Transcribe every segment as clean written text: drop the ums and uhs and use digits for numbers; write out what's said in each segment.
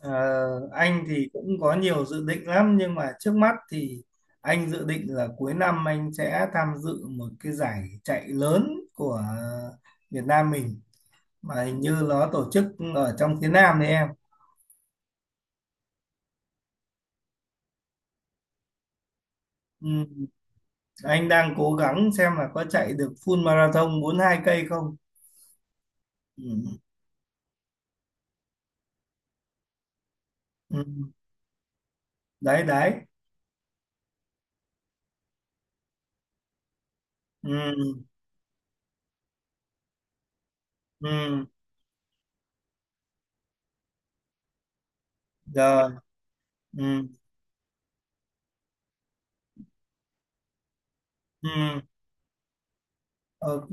Ờ, anh thì cũng có nhiều dự định lắm nhưng mà trước mắt thì anh dự định là cuối năm anh sẽ tham dự một cái giải chạy lớn của Việt Nam mình mà hình như nó tổ chức ở trong phía Nam đấy em. Ừ, anh đang cố gắng xem là có chạy được full marathon 42 cây không. Ừ, ừ, đấy đấy. Ừ, ừ, rồi. Ừ, ừ. Ok,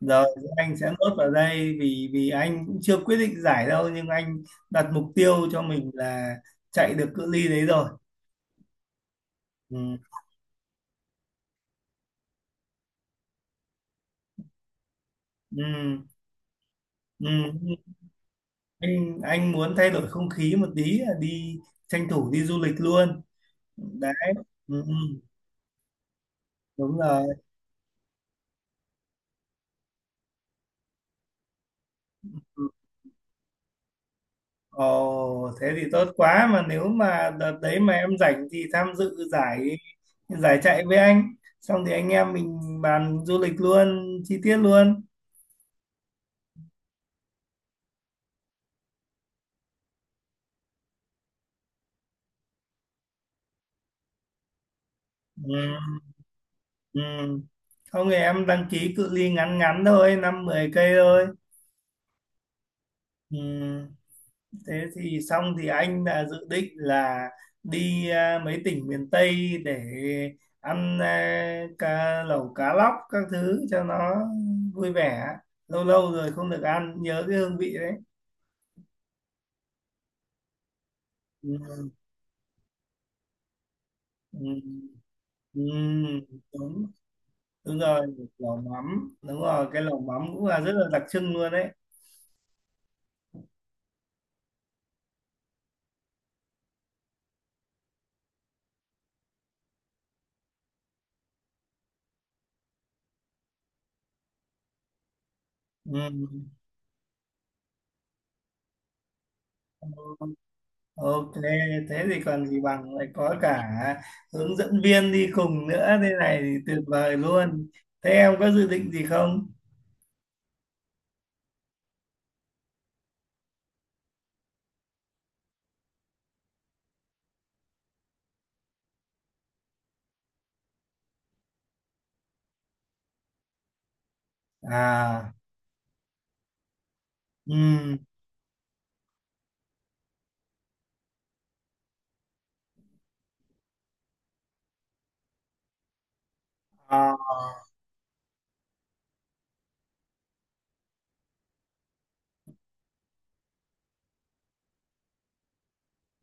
rồi anh sẽ nốt vào đây vì vì anh cũng chưa quyết định giải đâu nhưng anh đặt mục tiêu cho mình là chạy được cự ly đấy rồi. Ừ, ừ, ừ. Anh muốn thay đổi không khí một tí là đi tranh thủ đi du lịch luôn. Đấy, ừ, ừ, đúng rồi. Ồ, thế thì tốt quá mà nếu mà đợt đấy mà em rảnh thì tham dự giải giải chạy với anh. Xong thì anh em mình bàn du lịch luôn, chi tiết luôn. Ừ. Ừ. Không thì em đăng ký cự ly ngắn ngắn thôi 5, 10 cây thôi. Ừ. Thế thì xong thì anh đã dự định là đi mấy tỉnh miền Tây để ăn cá lẩu cá lóc các thứ cho nó vui vẻ, lâu lâu rồi không được ăn nhớ cái hương vị đấy. Ừ. Ừ. Ừ. đúng đúng rồi, lẩu mắm đúng rồi, cái lẩu mắm cũng là rất là đặc trưng luôn đấy. Ừ. Ok, thế thì còn gì bằng lại có cả hướng dẫn viên đi cùng nữa, thế này thì tuyệt vời luôn. Thế em có dự định gì không? À, ừm, à,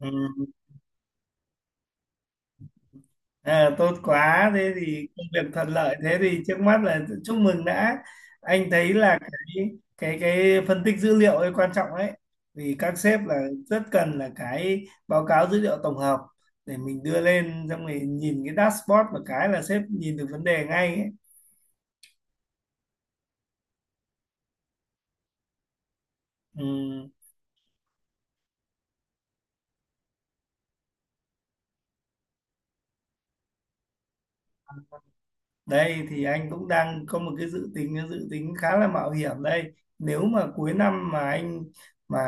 ừm, à, tốt quá. Thế thì công việc thuận lợi. Thế thì trước mắt là chúc mừng đã. Anh thấy là cái phân tích dữ liệu ấy quan trọng ấy. Vì các sếp là rất cần là cái báo cáo dữ liệu tổng hợp để mình đưa lên xong rồi nhìn cái dashboard một cái là sếp nhìn được vấn đề ngay ấy. Ừ. Đây thì anh cũng đang có một cái dự tính khá là mạo hiểm đây. Nếu mà cuối năm mà anh mà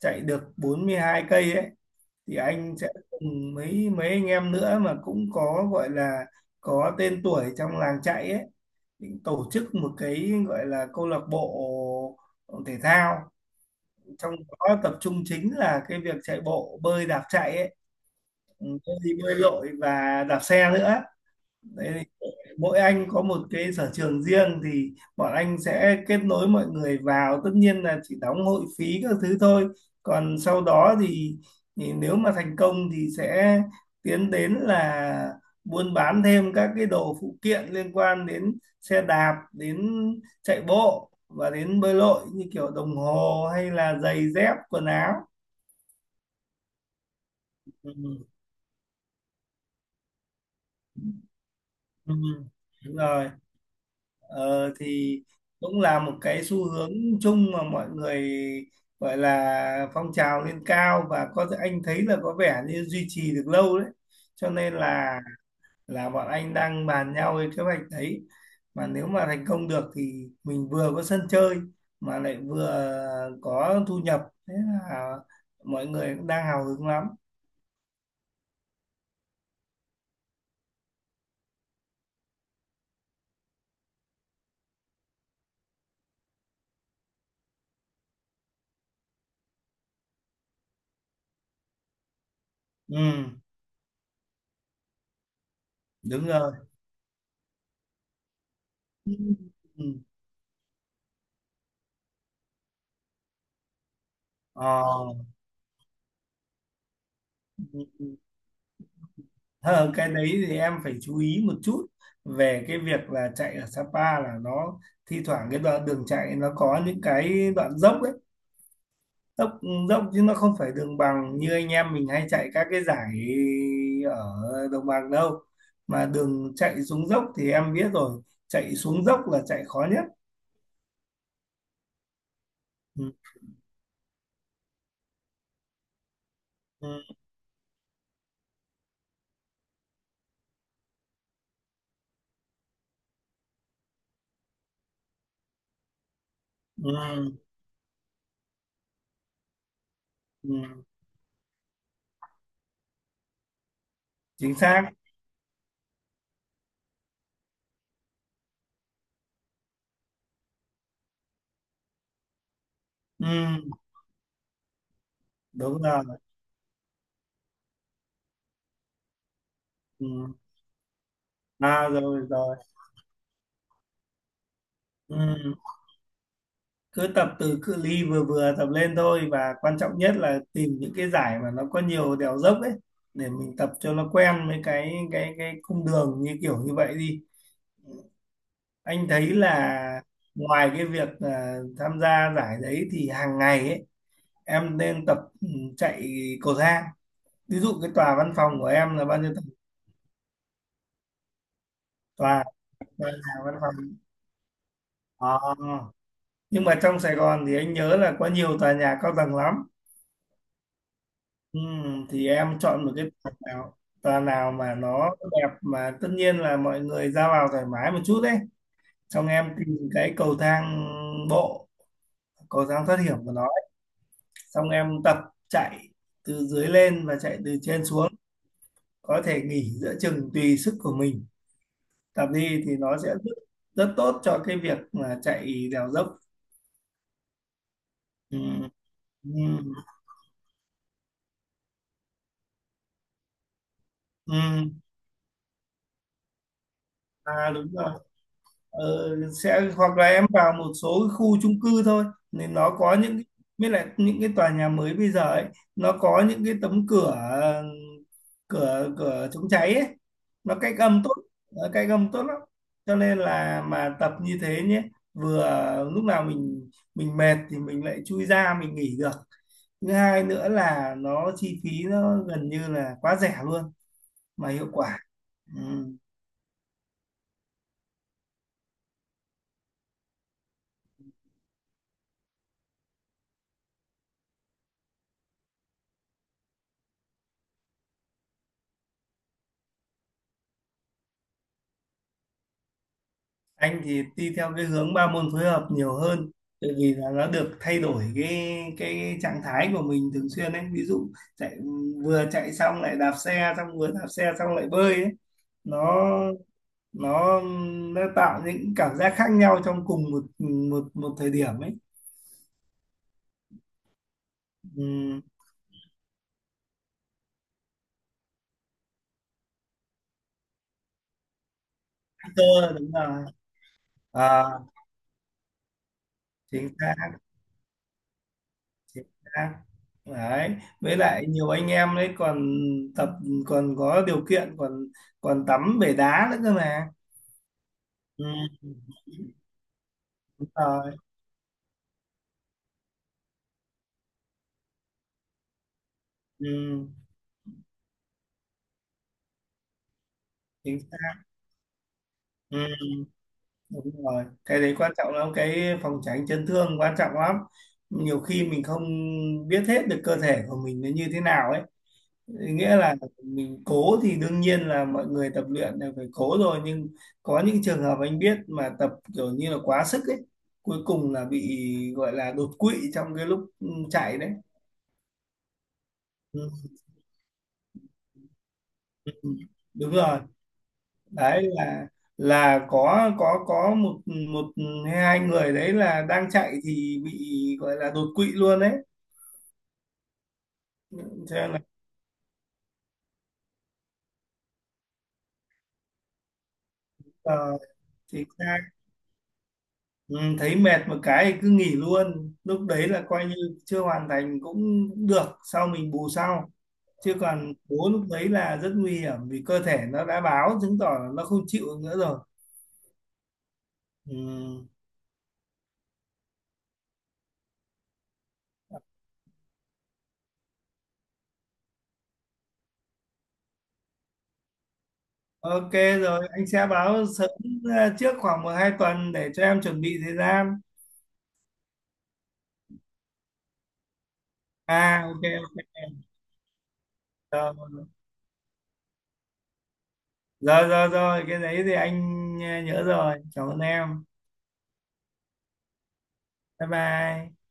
chạy được 42 cây ấy thì anh sẽ cùng mấy mấy anh em nữa mà cũng có gọi là có tên tuổi trong làng chạy ấy, định tổ chức một cái gọi là câu lạc bộ thể thao, trong đó tập trung chính là cái việc chạy bộ, bơi, đạp chạy ấy, ừ, bơi, bơi lội và đạp xe nữa. Đấy, mỗi anh có một cái sở trường riêng thì bọn anh sẽ kết nối mọi người vào, tất nhiên là chỉ đóng hội phí các thứ thôi, còn sau đó thì nếu mà thành công thì sẽ tiến đến là buôn bán thêm các cái đồ phụ kiện liên quan đến xe đạp, đến chạy bộ và đến bơi lội như kiểu đồng hồ hay là giày dép quần áo. Ừ, ừ, đúng rồi. Ờ, thì cũng là một cái xu hướng chung mà mọi người gọi là phong trào lên cao và có thể anh thấy là có vẻ như duy trì được lâu đấy, cho nên là bọn anh đang bàn nhau cái kế hoạch đấy, mà nếu mà thành công được thì mình vừa có sân chơi mà lại vừa có thu nhập, thế là mọi người cũng đang hào hứng lắm. Ừ, đúng rồi. Ừ. Ừ. Ờ. Ừ, ừ. Ờ, cái đấy thì em phải chú ý một chút về cái việc là chạy ở Sapa là nó thi thoảng cái đoạn đường chạy nó có những cái đoạn dốc đấy, dốc dốc chứ nó không phải đường bằng như anh em mình hay chạy các cái giải ở đồng bằng đâu, mà đường chạy xuống dốc thì em biết rồi, chạy xuống dốc là chạy khó nhất. Ừ, ừ, ừ, ừ, chính xác. Ừ, đúng rồi. Ừ, à rồi rồi. Ừ. Cứ tập từ cự ly vừa vừa tập lên thôi và quan trọng nhất là tìm những cái giải mà nó có nhiều đèo dốc ấy để mình tập cho nó quen với cái cái cung đường như kiểu như vậy đi. Anh thấy là ngoài cái việc tham gia giải đấy thì hàng ngày ấy em nên tập, chạy cầu thang, ví dụ cái tòa văn phòng của em là bao nhiêu tầng, tòa tòa nhà văn phòng. Ờ. Nhưng mà trong Sài Gòn thì anh nhớ là có nhiều tòa nhà cao tầng lắm. Ừ, thì em chọn một cái tòa nào mà nó đẹp mà tất nhiên là mọi người ra vào thoải mái một chút đấy, xong em tìm cái cầu thang bộ, cầu thang thoát hiểm của nó ấy. Xong em tập chạy từ dưới lên và chạy từ trên xuống, có thể nghỉ giữa chừng tùy sức của mình, tập đi thì nó sẽ rất, rất tốt cho cái việc mà chạy đèo dốc. Ừ, ừ, ừ. À, đúng rồi. Ờ, sẽ hoặc là em vào một số cái khu chung cư thôi nên nó có những cái- mới lại những cái tòa nhà mới bây giờ ấy, nó có những cái tấm cửa, cửa chống cháy ấy, nó cách âm tốt, nó cách âm tốt lắm, cho nên là mà tập như thế nhé, vừa lúc nào mình mệt thì mình lại chui ra mình nghỉ được, thứ hai nữa là nó chi phí nó gần như là quá rẻ luôn mà hiệu quả. Ừ. Anh thì đi theo cái hướng ba môn phối hợp nhiều hơn, tại vì là nó được thay đổi cái trạng thái của mình thường xuyên ấy, ví dụ chạy vừa chạy xong lại đạp xe, xong vừa đạp xe xong lại bơi ấy. nó nó nó tạo những cảm giác khác nhau trong cùng một một một thời điểm ấy. Ừ, cơ đúng rồi. à, Chính xác, chính xác đấy, với lại nhiều anh em đấy còn tập, còn có điều kiện còn còn tắm bể đá nữa cơ mà. Ừ, đúng rồi. Ừ, chính xác. Ừ, đúng rồi. Cái đấy quan trọng lắm, cái phòng tránh chấn thương quan trọng lắm. Nhiều khi mình không biết hết được cơ thể của mình nó như thế nào ấy. Nghĩa là mình cố thì đương nhiên là mọi người tập luyện là phải cố rồi, nhưng có những trường hợp anh biết mà tập kiểu như là quá sức ấy, cuối cùng là bị gọi là đột quỵ trong cái lúc chạy đấy. Ừ, ừ, ừ. Đúng rồi. Đấy là có có một một hay hai người đấy là đang chạy thì bị gọi là đột quỵ luôn đấy, cho nên là ờ, thì ra, ừ, thấy mệt một cái thì cứ nghỉ luôn, lúc đấy là coi như chưa hoàn thành cũng, cũng được, sau mình bù sau, chứ còn bố lúc đấy là rất nguy hiểm vì cơ thể nó đã báo, chứng tỏ là nó không chịu nữa rồi. Ừ. Ok, rồi anh sẽ báo sớm, trước khoảng 1-2 tuần để cho em chuẩn bị thời gian. Ok, ok, rồi, rồi, rồi, rồi cái đấy thì anh nhớ rồi, cảm ơn em. Bye bye.